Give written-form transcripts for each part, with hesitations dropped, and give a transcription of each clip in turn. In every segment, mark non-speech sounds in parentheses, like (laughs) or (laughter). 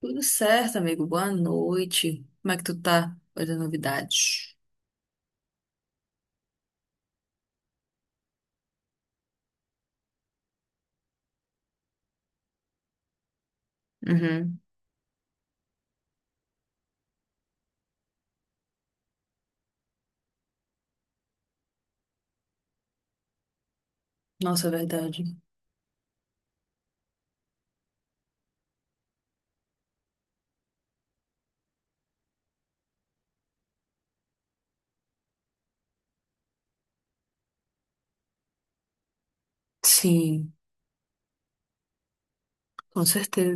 Tudo certo, amigo. Boa noite. Como é que tu tá? Quais as novidades? Uhum. Nossa, é verdade. Sim, com certeza.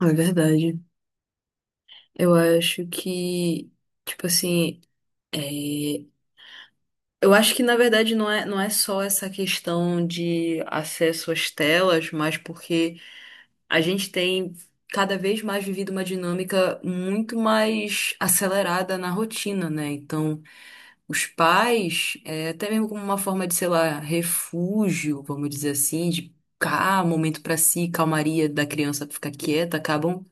É verdade. Eu acho que, tipo assim, é, eu acho que na verdade não é só essa questão de acesso às telas, mas porque a gente tem cada vez mais vivido uma dinâmica muito mais acelerada na rotina, né? Então, os pais, até mesmo como uma forma de, sei lá, refúgio, vamos dizer assim, de cá, momento para si, calmaria da criança pra ficar quieta, acabam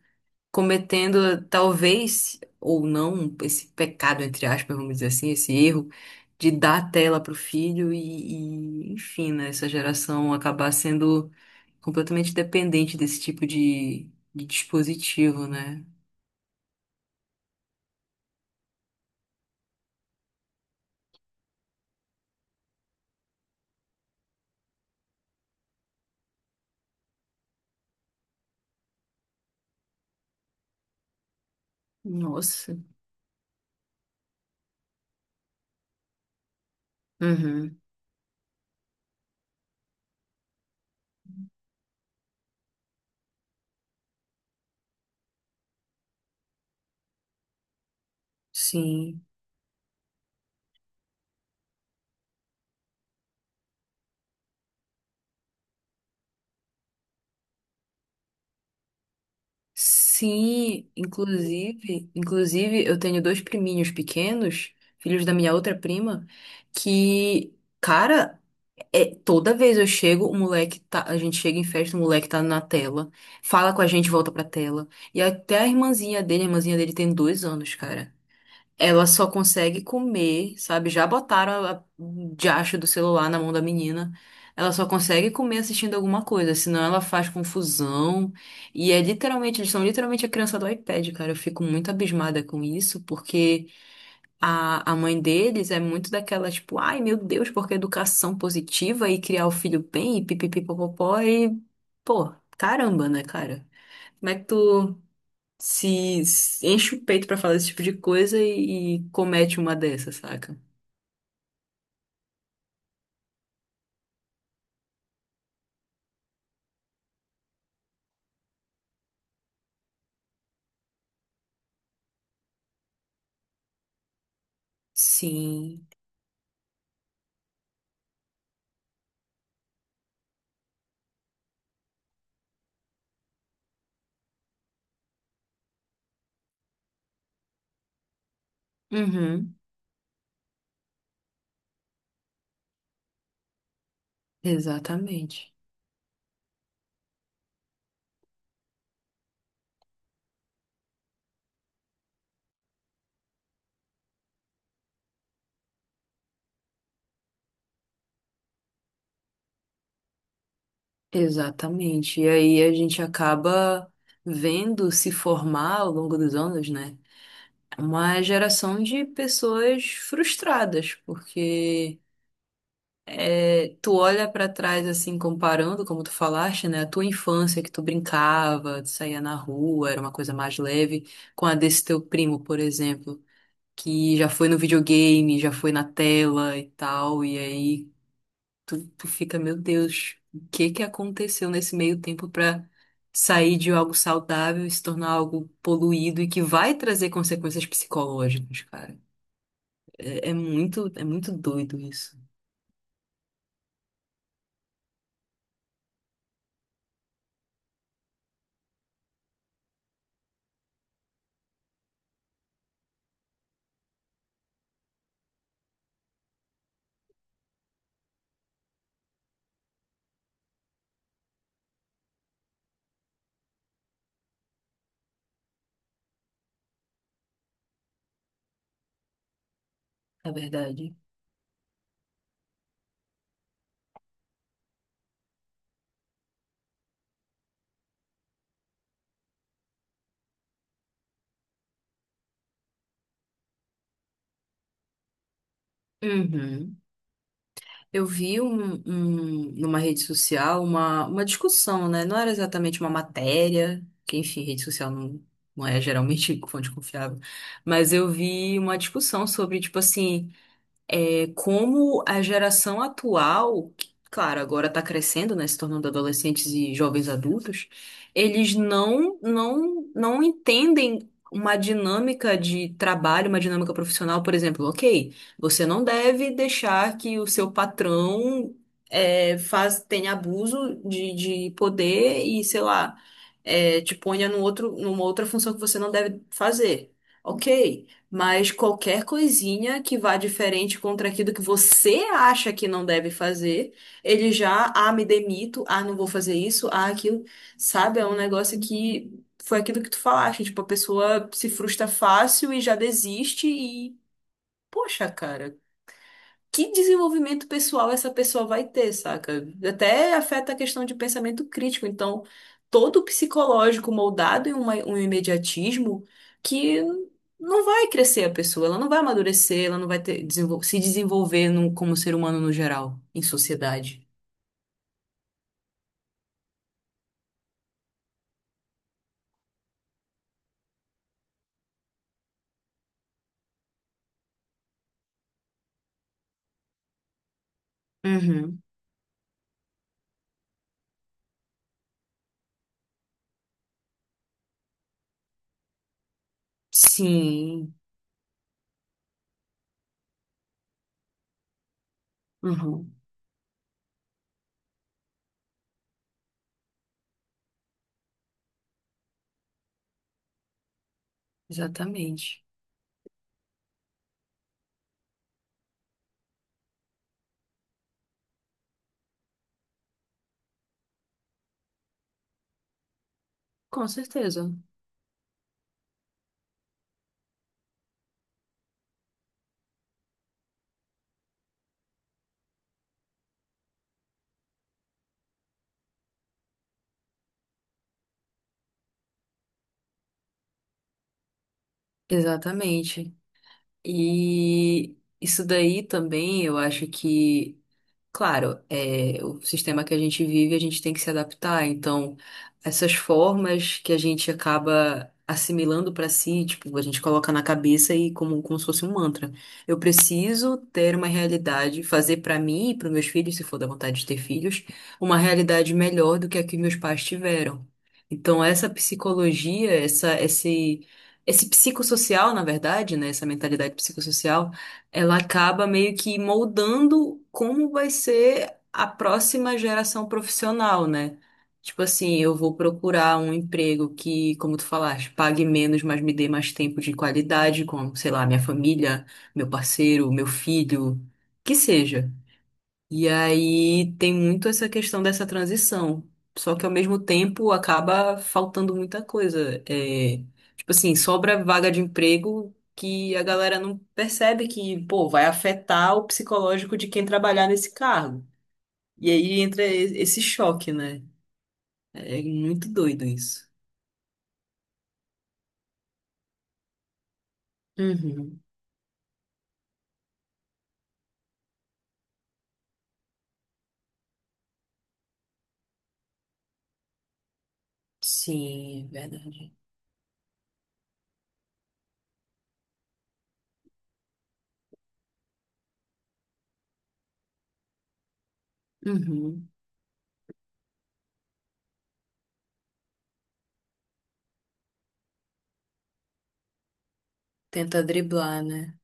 cometendo talvez ou não esse pecado, entre aspas, vamos dizer assim, esse erro de dar tela para o filho enfim, né, essa geração acabar sendo completamente dependente desse tipo de dispositivo, né? Nossa. Uhum. Sim. Sim, inclusive eu tenho dois priminhos pequenos, filhos da minha outra prima, que, cara, é, toda vez eu chego, o moleque tá, a gente chega em festa, o moleque tá na tela, fala com a gente, volta pra tela. E até a irmãzinha dele tem dois anos, cara. Ela só consegue comer, sabe? Já botaram a diacho do celular na mão da menina. Ela só consegue comer assistindo alguma coisa, senão ela faz confusão. E é literalmente, eles são literalmente a criança do iPad, cara. Eu fico muito abismada com isso, porque a mãe deles é muito daquela, tipo, ai meu Deus, porque educação positiva e criar o filho bem e pipipipopopó e, pô, caramba, né, cara? Como é que tu se enche o peito pra falar esse tipo de coisa e comete uma dessa, saca? Sim. Uhum. Exatamente. Exatamente. E aí a gente acaba vendo se formar ao longo dos anos, né? Uma geração de pessoas frustradas, porque é, tu olha pra trás assim, comparando, como tu falaste, né, a tua infância que tu brincava, tu saía na rua, era uma coisa mais leve, com a desse teu primo, por exemplo, que já foi no videogame, já foi na tela e tal, e aí tu fica, meu Deus, o que que aconteceu nesse meio tempo pra sair de algo saudável e se tornar algo poluído e que vai trazer consequências psicológicas, cara. É, é muito doido isso, na verdade. Uhum. Eu vi numa rede social uma discussão, né? Não era exatamente uma matéria, que enfim, rede social não, não é geralmente (laughs) fonte confiável, mas eu vi uma discussão sobre, tipo assim, como a geração atual, que, claro, agora está crescendo, né, se tornando adolescentes e jovens adultos, eles não entendem uma dinâmica de trabalho, uma dinâmica profissional, por exemplo, ok, você não deve deixar que o seu patrão tenha abuso de poder e, sei lá, te ponha numa outra função que você não deve fazer. Ok, mas qualquer coisinha que vá diferente contra aquilo que você acha que não deve fazer, ele já, ah, me demito, ah, não vou fazer isso, ah, aquilo. Sabe? É um negócio que foi aquilo que tu falaste, tipo, a pessoa se frustra fácil e já desiste e, poxa, cara, que desenvolvimento pessoal essa pessoa vai ter, saca? Até afeta a questão de pensamento crítico. Então, todo psicológico moldado em um imediatismo que não vai crescer a pessoa, ela não vai amadurecer, ela se desenvolver como ser humano no geral, em sociedade. Uhum. Sim, Uhum. Exatamente. Com certeza. Exatamente. E isso daí também eu acho que claro, é, o sistema que a gente vive, a gente tem que se adaptar. Então, essas formas que a gente acaba assimilando para si, tipo, a gente coloca na cabeça e como se fosse um mantra. Eu preciso ter uma realidade, fazer para mim e para meus filhos, se for da vontade de ter filhos, uma realidade melhor do que a que meus pais tiveram. Então, essa psicologia, esse psicossocial, na verdade, né, essa mentalidade psicossocial ela acaba meio que moldando como vai ser a próxima geração profissional, né? Tipo assim, eu vou procurar um emprego que, como tu falaste, pague menos, mas me dê mais tempo de qualidade com, sei lá, minha família, meu parceiro, meu filho, que seja. E aí tem muito essa questão dessa transição. Só que ao mesmo tempo acaba faltando muita coisa. É, tipo assim, sobra vaga de emprego que a galera não percebe que, pô, vai afetar o psicológico de quem trabalhar nesse cargo. E aí esse choque, né? É muito doido isso. Uhum. Sim, é verdade. Uhum. Tenta driblar, né?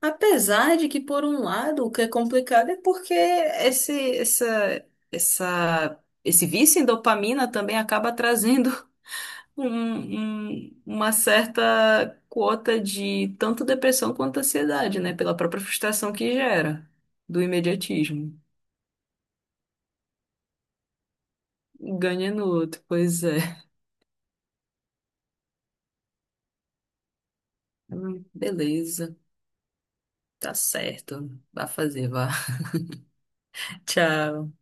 Apesar de que, por um lado, o que é complicado é porque essa, essa, esse vício em dopamina também acaba trazendo (laughs) uma certa quota de tanto depressão quanto ansiedade, né? Pela própria frustração que gera do imediatismo. Um ganha no outro, pois é. Beleza, tá certo. Vá fazer, vá. (laughs) Tchau.